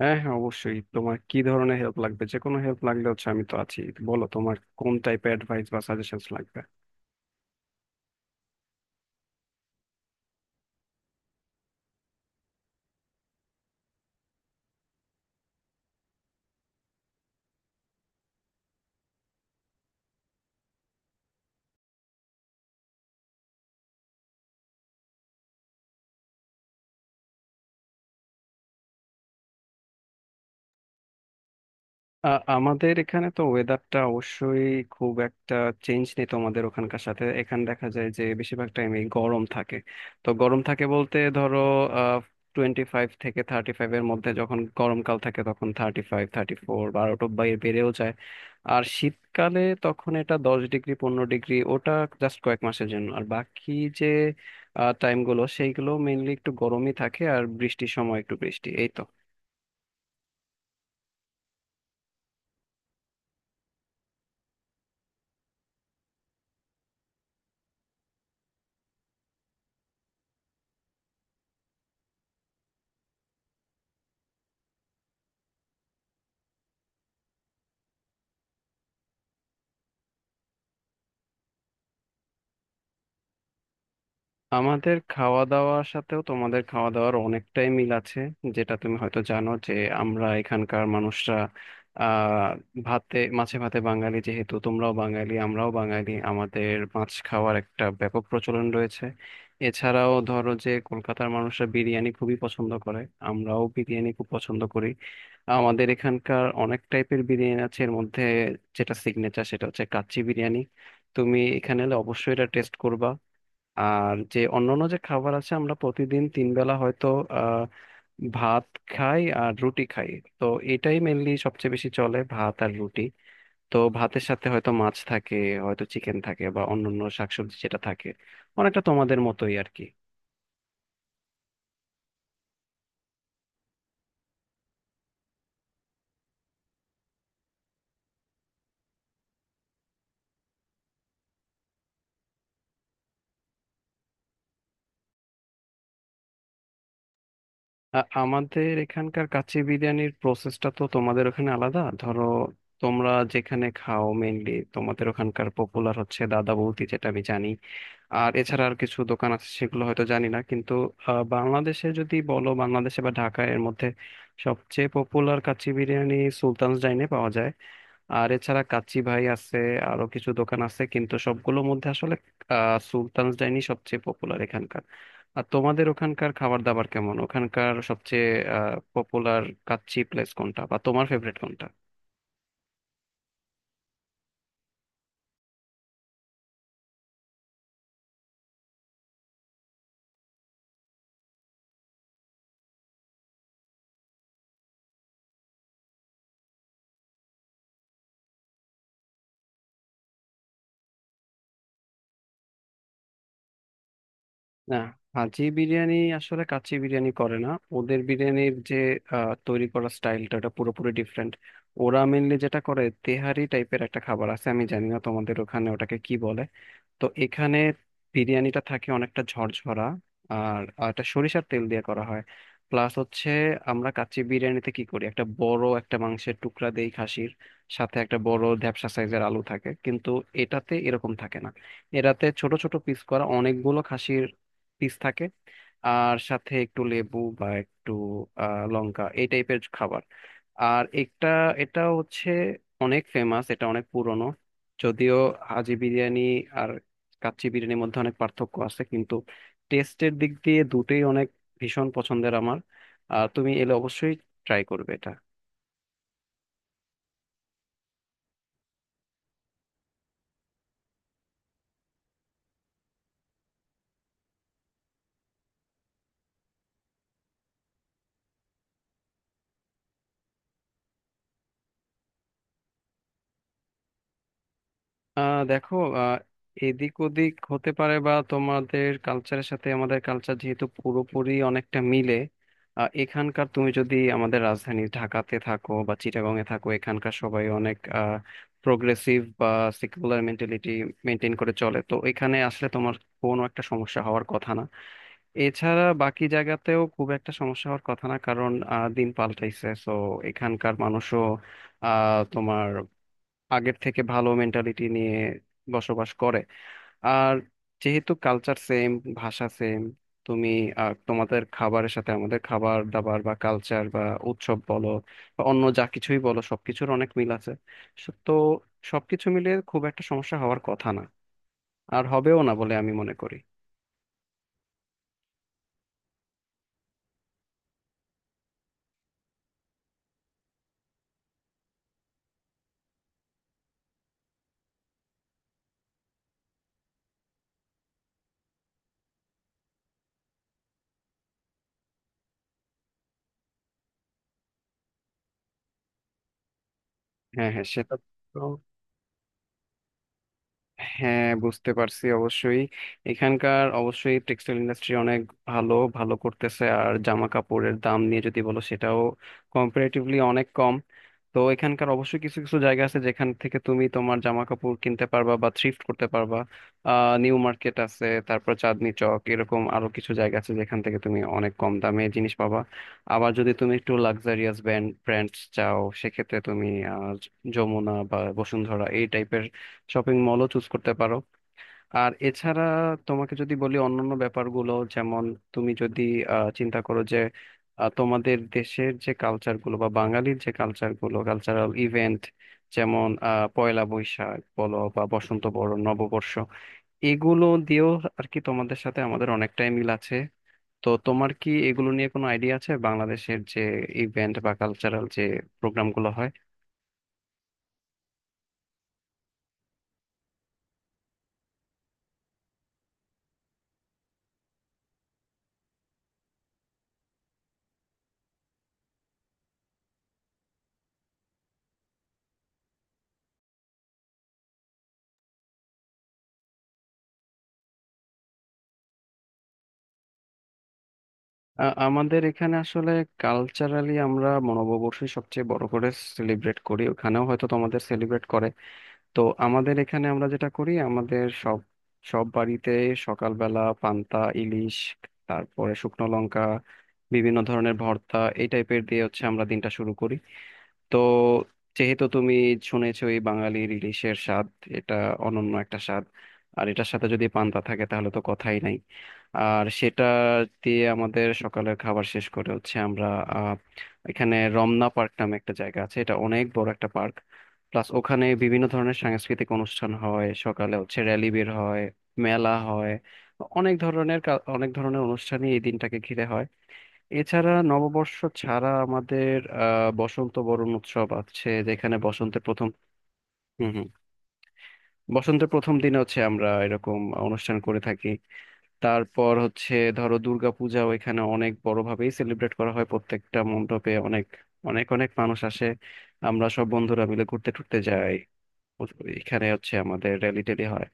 হ্যাঁ, হ্যাঁ, অবশ্যই, তোমার কি ধরনের হেল্প লাগবে? যে কোনো হেল্প লাগলে হচ্ছে আমি তো আছি। বলো, তোমার কোন টাইপের অ্যাডভাইস বা সাজেশন লাগবে। আ, আমাদের এখানে তো ওয়েদারটা অবশ্যই খুব একটা চেঞ্জ নেই তোমাদের ওখানকার সাথে। এখানে দেখা যায় যে বেশিরভাগ টাইমে গরম থাকে। তো গরম থাকে বলতে ধরো 25 থেকে 35 এর মধ্যে, যখন গরমকাল থাকে তখন 35 34 12টা বাইরে বেড়েও যায়। আর শীতকালে তখন এটা 10 ডিগ্রি 15 ডিগ্রি, ওটা জাস্ট কয়েক মাসের জন্য। আর বাকি যে টাইমগুলো সেইগুলো মেইনলি একটু গরমই থাকে, আর বৃষ্টির সময় একটু বৃষ্টি, এই তো। আমাদের খাওয়া দাওয়ার সাথেও তোমাদের খাওয়া দাওয়ার অনেকটাই মিল আছে। যেটা তুমি হয়তো জানো, যে আমরা এখানকার মানুষরা আহ ভাতে মাছে, ভাতে বাঙালি। যেহেতু তোমরাও বাঙালি আমরাও বাঙালি, আমাদের মাছ খাওয়ার একটা ব্যাপক প্রচলন রয়েছে। এছাড়াও ধরো যে কলকাতার মানুষরা বিরিয়ানি খুবই পছন্দ করে, আমরাও বিরিয়ানি খুব পছন্দ করি। আমাদের এখানকার অনেক টাইপের বিরিয়ানি আছে, এর মধ্যে যেটা সিগনেচার সেটা হচ্ছে কাচ্চি বিরিয়ানি। তুমি এখানে এলে অবশ্যই এটা টেস্ট করবা। আর যে অন্যান্য যে খাবার আছে, আমরা প্রতিদিন 3 বেলা হয়তো আহ ভাত খাই আর রুটি খাই। তো এটাই মেনলি সবচেয়ে বেশি চলে, ভাত আর রুটি। তো ভাতের সাথে হয়তো মাছ থাকে, হয়তো চিকেন থাকে, বা অন্যান্য শাকসবজি যেটা থাকে, অনেকটা তোমাদের মতোই আর কি। আমাদের এখানকার কাচ্চি বিরিয়ানির প্রসেসটা তো তোমাদের ওখানে আলাদা ধরো। তোমরা যেখানে খাও মেনলি, তোমাদের ওখানকার পপুলার হচ্ছে দাদা বৌদি, যেটা আমি জানি। আর এছাড়া আর কিছু দোকান আছে সেগুলো হয়তো জানি না, কিন্তু বাংলাদেশে যদি বলো, বাংলাদেশে বা ঢাকায় এর মধ্যে সবচেয়ে পপুলার কাচ্চি বিরিয়ানি সুলতান'স ডাইনে পাওয়া যায়। আর এছাড়া কাচ্চি ভাই আছে, আরো কিছু দোকান আছে, কিন্তু সবগুলোর মধ্যে আসলে সুলতান'স ডাইনি সবচেয়ে পপুলার এখানকার। আর তোমাদের ওখানকার খাবার দাবার কেমন? ওখানকার সবচেয়ে পপুলার কাচ্চি প্লেস কোনটা, বা তোমার ফেভারিট কোনটা? না, হাজি বিরিয়ানি আসলে কাচ্চি বিরিয়ানি করে না। ওদের বিরিয়ানির যে তৈরি করার স্টাইলটা, ওটা পুরোপুরি ডিফারেন্ট। ওরা মেনলি যেটা করে তেহারি টাইপের একটা খাবার আছে, আমি জানি না তোমাদের ওখানে ওটাকে কি বলে। তো এখানে বিরিয়ানিটা থাকে অনেকটা ঝরঝরা, আর আর এটা সরিষার তেল দিয়ে করা হয়। প্লাস হচ্ছে আমরা কাচ্চি বিরিয়ানিতে কি করি, একটা বড় একটা মাংসের টুকরা দেই খাসির, সাথে একটা বড় ধ্যাপসা সাইজের আলু থাকে। কিন্তু এটাতে এরকম থাকে না, এটাতে ছোট ছোট পিস করা অনেকগুলো খাসির পিস থাকে। আর সাথে একটু লেবু বা একটু লঙ্কা, এই টাইপের খাবার। আর একটা, এটা হচ্ছে অনেক ফেমাস, এটা অনেক পুরনো যদিও, হাজি বিরিয়ানি আর কাচ্চি বিরিয়ানির মধ্যে অনেক পার্থক্য আছে, কিন্তু টেস্টের দিক দিয়ে দুটোই অনেক ভীষণ পছন্দের আমার। তুমি এলে অবশ্যই ট্রাই করবে এটা। দেখো, আহ এদিক ওদিক হতে পারে, বা তোমাদের কালচারের সাথে আমাদের কালচার যেহেতু পুরোপুরি অনেকটা মিলে। এখানকার, তুমি যদি আমাদের রাজধানী ঢাকাতে থাকো বা চিটাগং এ থাকো, এখানকার সবাই অনেক প্রোগ্রেসিভ বা সেকুলার মেন্টালিটি মেনটেন করে চলে। তো এখানে আসলে তোমার কোনো একটা সমস্যা হওয়ার কথা না। এছাড়া বাকি জায়গাতেও খুব একটা সমস্যা হওয়ার কথা না, কারণ দিন পাল্টাইছে, সো এখানকার মানুষও তোমার আগের থেকে ভালো মেন্টালিটি নিয়ে বসবাস করে। আর যেহেতু কালচার সেম, ভাষা সেম, তুমি তোমাদের খাবারের সাথে আমাদের খাবার দাবার বা কালচার বা উৎসব বলো বা অন্য যা কিছুই বলো, সবকিছুর অনেক মিল আছে। সো তো সবকিছু মিলে খুব একটা সমস্যা হওয়ার কথা না, আর হবেও না বলে আমি মনে করি। হ্যাঁ, হ্যাঁ, সেটা তো। হ্যাঁ, বুঝতে পারছি অবশ্যই। এখানকার অবশ্যই টেক্সটাইল ইন্ডাস্ট্রি অনেক ভালো ভালো করতেছে। আর জামা কাপড়ের দাম নিয়ে যদি বলো, সেটাও কম্পারেটিভলি অনেক কম। তো এখানকার অবশ্যই কিছু কিছু জায়গা আছে যেখান থেকে তুমি তোমার জামা কাপড় কিনতে পারবা বা থ্রিফ্ট করতে পারবা। নিউ মার্কেট আছে, তারপর চাঁদনি চক, এরকম আরো কিছু জায়গা আছে যেখান থেকে তুমি অনেক কম দামে জিনিস পাবা। আবার যদি তুমি একটু লাক্সারিয়াস ব্র্যান্ড ব্র্যান্ড চাও, সেক্ষেত্রে তুমি আহ, যমুনা বা বসুন্ধরা এই টাইপের শপিং মলও চুজ করতে পারো। আর এছাড়া তোমাকে যদি বলি অন্যান্য ব্যাপারগুলো, যেমন তুমি যদি চিন্তা করো যে তোমাদের দেশের যে কালচারগুলো বা বাঙালির যে কালচারগুলো, কালচারাল ইভেন্ট যেমন পয়লা বৈশাখ বলো বা বসন্ত বরণ নববর্ষ, এগুলো দিয়েও আর কি তোমাদের সাথে আমাদের অনেকটাই মিল আছে। তো তোমার কি এগুলো নিয়ে কোনো আইডিয়া আছে, বাংলাদেশের যে ইভেন্ট বা কালচারাল যে প্রোগ্রামগুলো হয়? আমাদের এখানে আসলে কালচারালি আমরা নববর্ষই সবচেয়ে বড় করে সেলিব্রেট করি, ওখানেও হয়তো তোমাদের সেলিব্রেট করে। তো আমাদের এখানে আমরা যেটা করি, আমাদের সব সব বাড়িতে সকালবেলা পান্তা ইলিশ, তারপরে শুকনো লঙ্কা, বিভিন্ন ধরনের ভর্তা, এই টাইপের দিয়ে হচ্ছে আমরা দিনটা শুরু করি। তো যেহেতু তুমি শুনেছই, বাঙালি ইলিশের স্বাদ, এটা অনন্য একটা স্বাদ। আর এটার সাথে যদি পান্তা থাকে তাহলে তো কথাই নাই। আর সেটা দিয়ে আমাদের সকালের খাবার শেষ করে হচ্ছে আমরা আহ, এখানে রমনা পার্ক নামে একটা জায়গা আছে, এটা অনেক বড় একটা পার্ক। প্লাস ওখানে বিভিন্ন ধরনের সাংস্কৃতিক অনুষ্ঠান হয়, সকালে হচ্ছে র্যালি বের হয়, মেলা হয়, অনেক ধরনের অনেক ধরনের অনুষ্ঠানই এই দিনটাকে ঘিরে হয়। এছাড়া নববর্ষ ছাড়া আমাদের বসন্ত বরণ উৎসব আছে, যেখানে বসন্তের প্রথম। হুম, হুম। বসন্তের প্রথম দিনে হচ্ছে আমরা এরকম অনুষ্ঠান করে থাকি। তারপর হচ্ছে ধরো দুর্গাপূজাও এখানে অনেক বড়ভাবেই সেলিব্রেট করা হয়, প্রত্যেকটা মণ্ডপে অনেক অনেক অনেক মানুষ আসে। আমরা সব বন্ধুরা মিলে ঘুরতে টুরতে যাই, এখানে হচ্ছে আমাদের র্যালি ট্যালি হয়।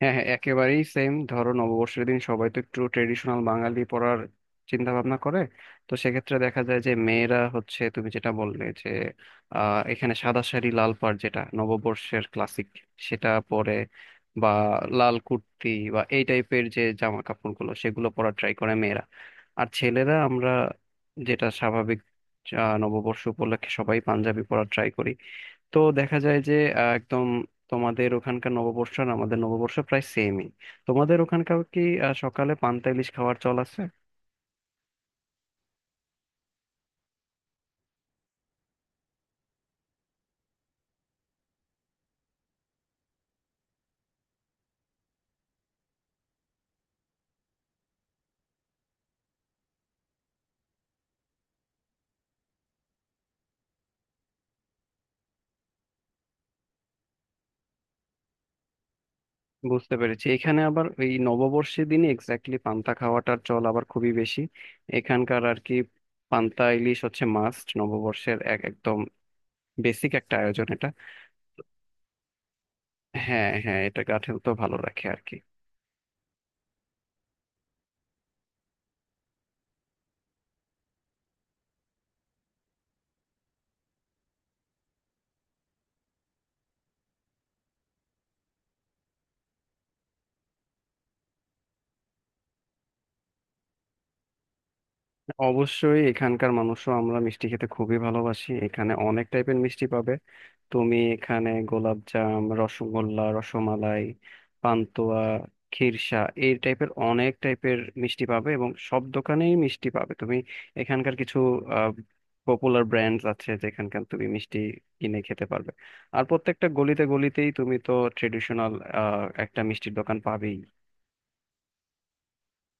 হ্যাঁ, হ্যাঁ, একেবারেই সেম। ধরো নববর্ষের দিন সবাই তো একটু ট্রেডিশনাল বাঙালি পড়ার চিন্তা ভাবনা করে। তো সেক্ষেত্রে দেখা যায় যে মেয়েরা হচ্ছে, তুমি যেটা বললে, যে এখানে সাদা শাড়ি লাল পাড়, যেটা নববর্ষের ক্লাসিক, সেটা পরে, বা লাল কুর্তি বা এই টাইপের যে জামা কাপড়গুলো সেগুলো পরা ট্রাই করে মেয়েরা। আর ছেলেরা আমরা যেটা স্বাভাবিক, নববর্ষ উপলক্ষে সবাই পাঞ্জাবি পরা ট্রাই করি। তো দেখা যায় যে একদম তোমাদের ওখানকার নববর্ষ আর আমাদের নববর্ষ প্রায় সেমই। তোমাদের ওখানকার কি সকালে পান্তা ইলিশ খাওয়ার চল আছে? বুঝতে পেরেছি, এখানে আবার ওই নববর্ষের দিন এক্স্যাক্টলি পান্তা খাওয়াটার চল আবার খুবই বেশি এখানকার আর কি। পান্তা ইলিশ হচ্ছে মাস্ট নববর্ষের, এক একদম বেসিক একটা আয়োজন এটা। হ্যাঁ, হ্যাঁ, এটা গা তো ভালো রাখে আর কি। অবশ্যই এখানকার মানুষও আমরা মিষ্টি খেতে খুবই ভালোবাসি, এখানে অনেক টাইপের মিষ্টি পাবে। তুমি এখানে গোলাপজাম, রসগোল্লা, রসমালাই, পান্তুয়া, ক্ষীরসা, এই টাইপের অনেক টাইপের মিষ্টি পাবে, এবং সব দোকানেই মিষ্টি পাবে তুমি। এখানকার কিছু পপুলার ব্র্যান্ডস আছে যেখানকার তুমি মিষ্টি কিনে খেতে পারবে। আর প্রত্যেকটা গলিতে গলিতেই তুমি তো ট্রেডিশনাল একটা মিষ্টির দোকান পাবেই।